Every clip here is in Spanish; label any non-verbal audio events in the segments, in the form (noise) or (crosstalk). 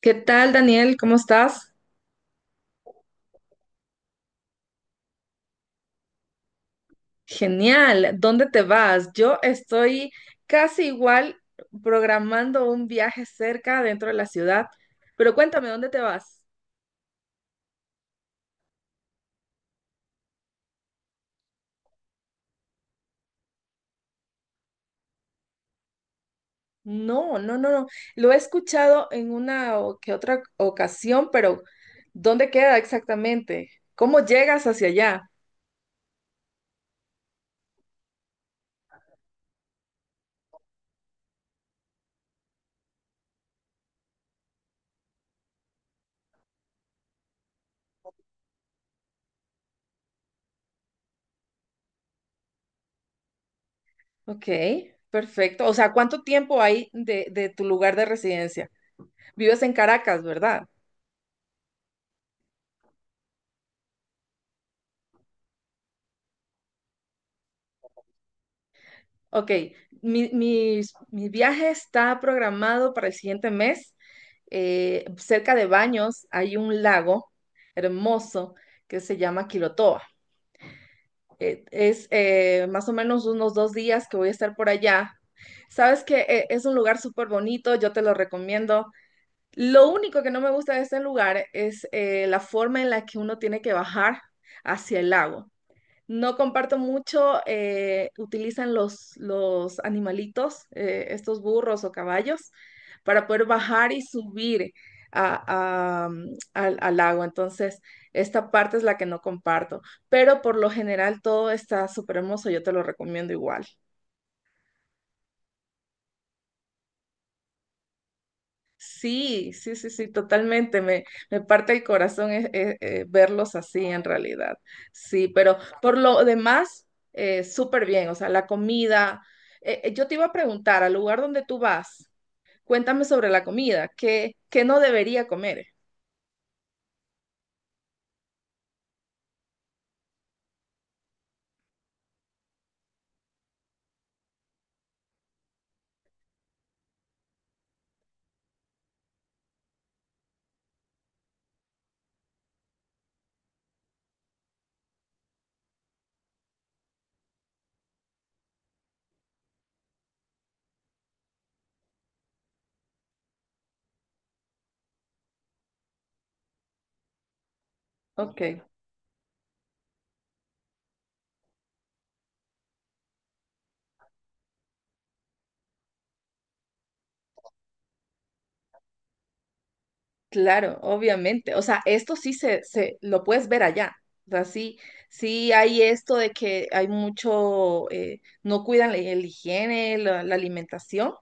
¿Qué tal, Daniel? ¿Cómo estás? Genial. ¿Dónde te vas? Yo estoy casi igual programando un viaje cerca dentro de la ciudad, pero cuéntame, ¿dónde te vas? No, no, no, no. Lo he escuchado en una o que otra ocasión, pero ¿dónde queda exactamente? ¿Cómo llegas hacia allá? Ok, perfecto. O sea, ¿cuánto tiempo hay de tu lugar de residencia? Vives en Caracas, ¿verdad? Ok, mi viaje está programado para el siguiente mes. Cerca de Baños hay un lago hermoso que se llama Quilotoa. Es más o menos unos 2 días que voy a estar por allá. Sabes que es un lugar súper bonito, yo te lo recomiendo. Lo único que no me gusta de este lugar es la forma en la que uno tiene que bajar hacia el lago. No comparto mucho, utilizan los animalitos, estos burros o caballos, para poder bajar y subir a- a, mm, al agua. Entonces, esta parte es la que no comparto, pero por lo general todo está súper hermoso, yo te lo recomiendo igual. Sí, sí, sí, sí, totalmente. Me parte el corazón verlos así en realidad. Sí, pero por lo demás, súper bien. O sea, la comida. Yo te iba a preguntar, al lugar donde tú vas, cuéntame sobre la comida. ¿Qué no debería comer? Ok, claro, obviamente. O sea, esto sí se lo puedes ver allá. O sea, sí, sí hay esto de que hay mucho, no cuidan la higiene, la alimentación.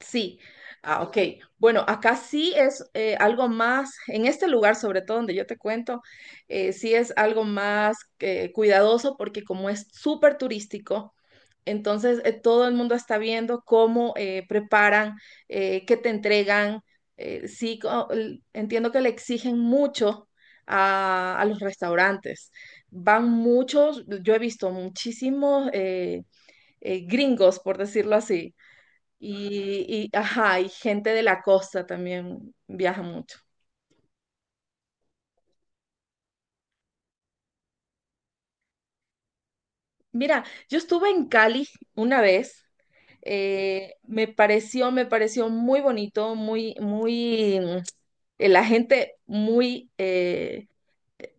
Sí, ah, ok. Bueno, acá sí es algo más, en este lugar sobre todo donde yo te cuento, sí es algo más cuidadoso porque como es súper turístico, entonces todo el mundo está viendo cómo preparan, qué te entregan. Sí, entiendo que le exigen mucho a los restaurantes. Van muchos, yo he visto muchísimos gringos, por decirlo así y, ajá, y gente de la costa también viaja mucho. Mira, yo estuve en Cali una vez. Me pareció muy bonito, muy, muy, la gente muy,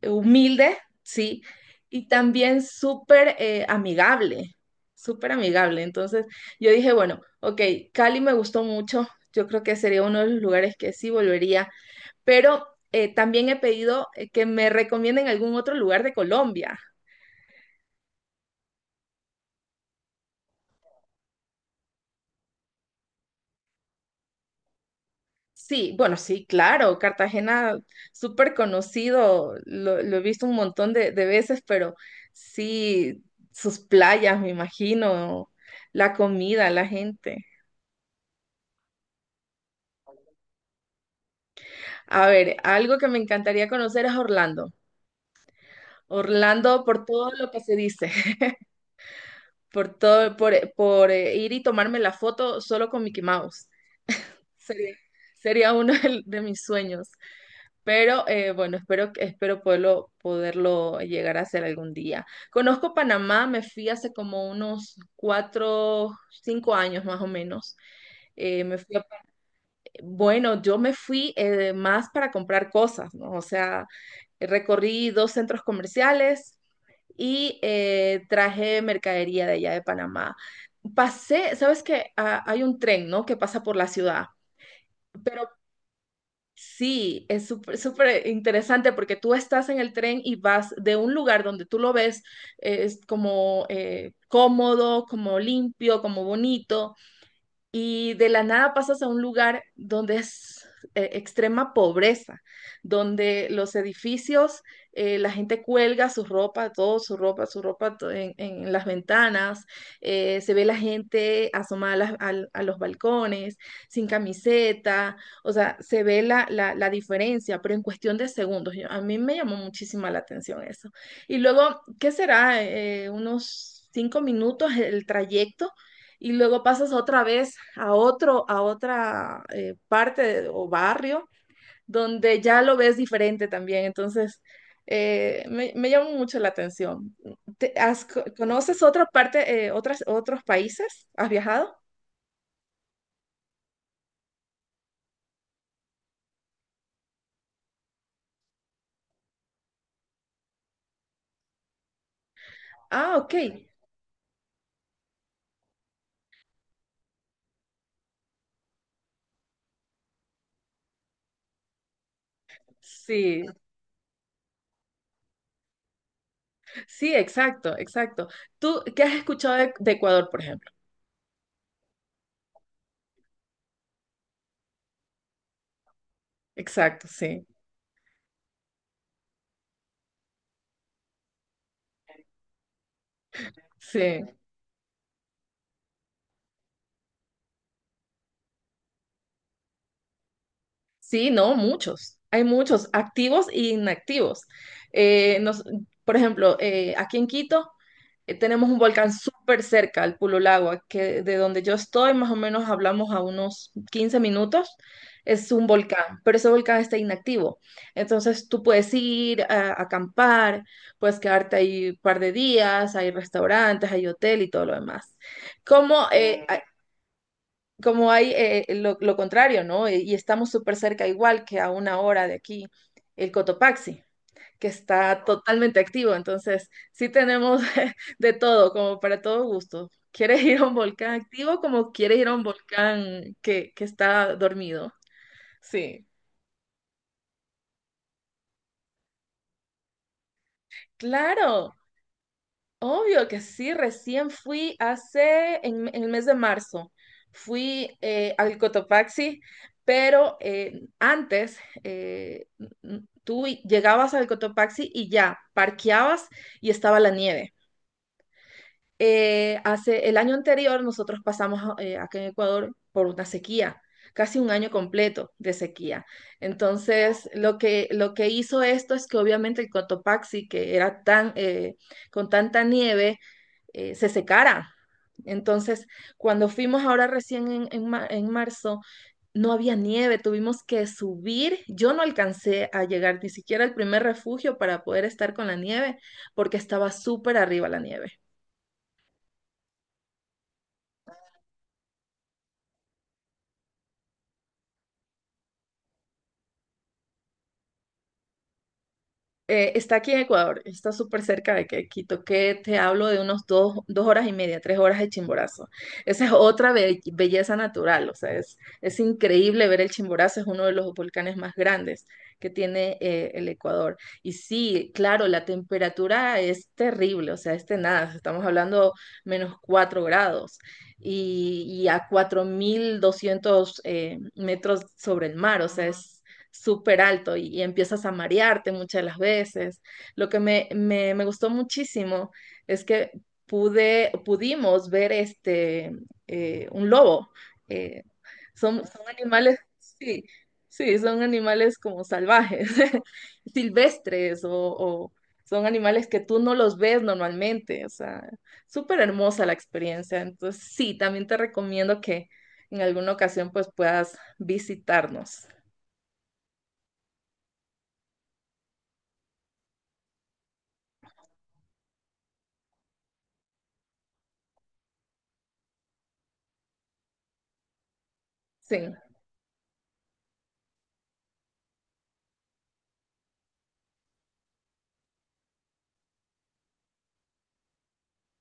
humilde, sí, y también súper amigable, súper amigable. Entonces yo dije, bueno, ok, Cali me gustó mucho, yo creo que sería uno de los lugares que sí volvería, pero también he pedido que me recomienden algún otro lugar de Colombia. Sí, bueno, sí, claro, Cartagena, súper conocido, lo he visto un montón de veces, pero sí, sus playas, me imagino, la comida, la gente. A ver, algo que me encantaría conocer es Orlando. Orlando por todo lo que se dice, (laughs) por todo, por ir y tomarme la foto solo con Mickey Mouse. Sería, sería uno (laughs) de mis sueños. Pero bueno, espero, espero poderlo llegar a hacer algún día. Conozco Panamá, me fui hace como unos cuatro, cinco años más o menos. Eh, me fui a- bueno, yo me fui más para comprar cosas, ¿no? O sea, recorrí dos centros comerciales y traje mercadería de allá de Panamá. Pasé, sabes que hay un tren, ¿no? que pasa por la ciudad, pero sí, es súper súper interesante porque tú estás en el tren y vas de un lugar donde tú lo ves, es como cómodo, como limpio, como bonito y de la nada pasas a un lugar donde es extrema pobreza, donde los edificios, la gente cuelga su ropa, todo su ropa, en las ventanas, se ve la gente asomada a los balcones, sin camiseta, o sea, se ve la, la diferencia, pero en cuestión de segundos. A mí me llamó muchísima la atención eso. Y luego, ¿qué será? Unos 5 minutos el trayecto y luego pasas otra vez a otro, a otra parte o barrio donde ya lo ves diferente también. Entonces, me llama mucho la atención. ¿Conoces otra parte, otras, otros países? ¿Has viajado? Ah, ok. Sí, sí, exacto, exacto. ¿Tú qué has escuchado de Ecuador, por ejemplo? Exacto, sí, sí. Sí, no, muchos. Hay muchos, activos e inactivos. Eh, nos- por ejemplo, aquí en Quito tenemos un volcán súper cerca, el Pululagua, que de donde yo estoy, más o menos hablamos a unos 15 minutos. Es un volcán, pero ese volcán está inactivo. Entonces tú puedes ir a acampar, puedes quedarte ahí un par de días, hay restaurantes, hay hotel y todo lo demás. Como eh, a- como hay lo contrario, ¿no? Y estamos súper cerca, igual que a una hora de aquí, el Cotopaxi, que está totalmente activo. Entonces, sí tenemos (laughs) de todo, como para todo gusto. ¿Quieres ir a un volcán activo como quieres ir a un volcán que está dormido? Sí. Claro. Obvio que sí, recién fui en el mes de marzo, fui al Cotopaxi, pero antes tú llegabas al Cotopaxi y ya, parqueabas y estaba la nieve. Hace el año anterior nosotros pasamos acá en Ecuador por una sequía, casi un año completo de sequía. Entonces, lo que hizo esto es que obviamente el Cotopaxi, que era con tanta nieve, se secara. Entonces, cuando fuimos ahora recién en marzo, no había nieve, tuvimos que subir. Yo no alcancé a llegar ni siquiera al primer refugio para poder estar con la nieve, porque estaba súper arriba la nieve. Está aquí en Ecuador, está súper cerca de que Quito, que te hablo de unos dos horas y media, 3 horas de Chimborazo. Esa es otra belleza natural, o sea, es increíble ver el Chimborazo, es uno de los volcanes más grandes que tiene el Ecuador. Y sí, claro, la temperatura es terrible, o sea, es nada. Estamos hablando -4 grados y a 4.200 metros sobre el mar, o sea, es súper alto y empiezas a marearte muchas de las veces. Lo que me gustó muchísimo es que pudimos ver este, un lobo. Eh, Son, son animales, sí, sí, son animales como salvajes, (laughs) silvestres o son animales que tú no los ves normalmente. O sea, súper hermosa la experiencia. Entonces, sí, también te recomiendo que en alguna ocasión pues puedas visitarnos. Sí.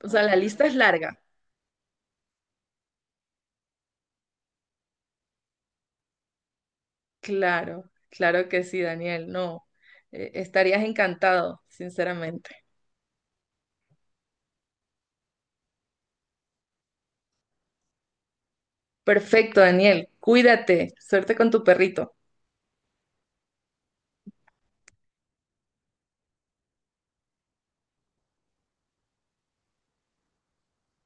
O sea, la lista es larga. Claro, claro que sí, Daniel. No, estarías encantado, sinceramente. Perfecto, Daniel. Cuídate. Suerte con tu perrito.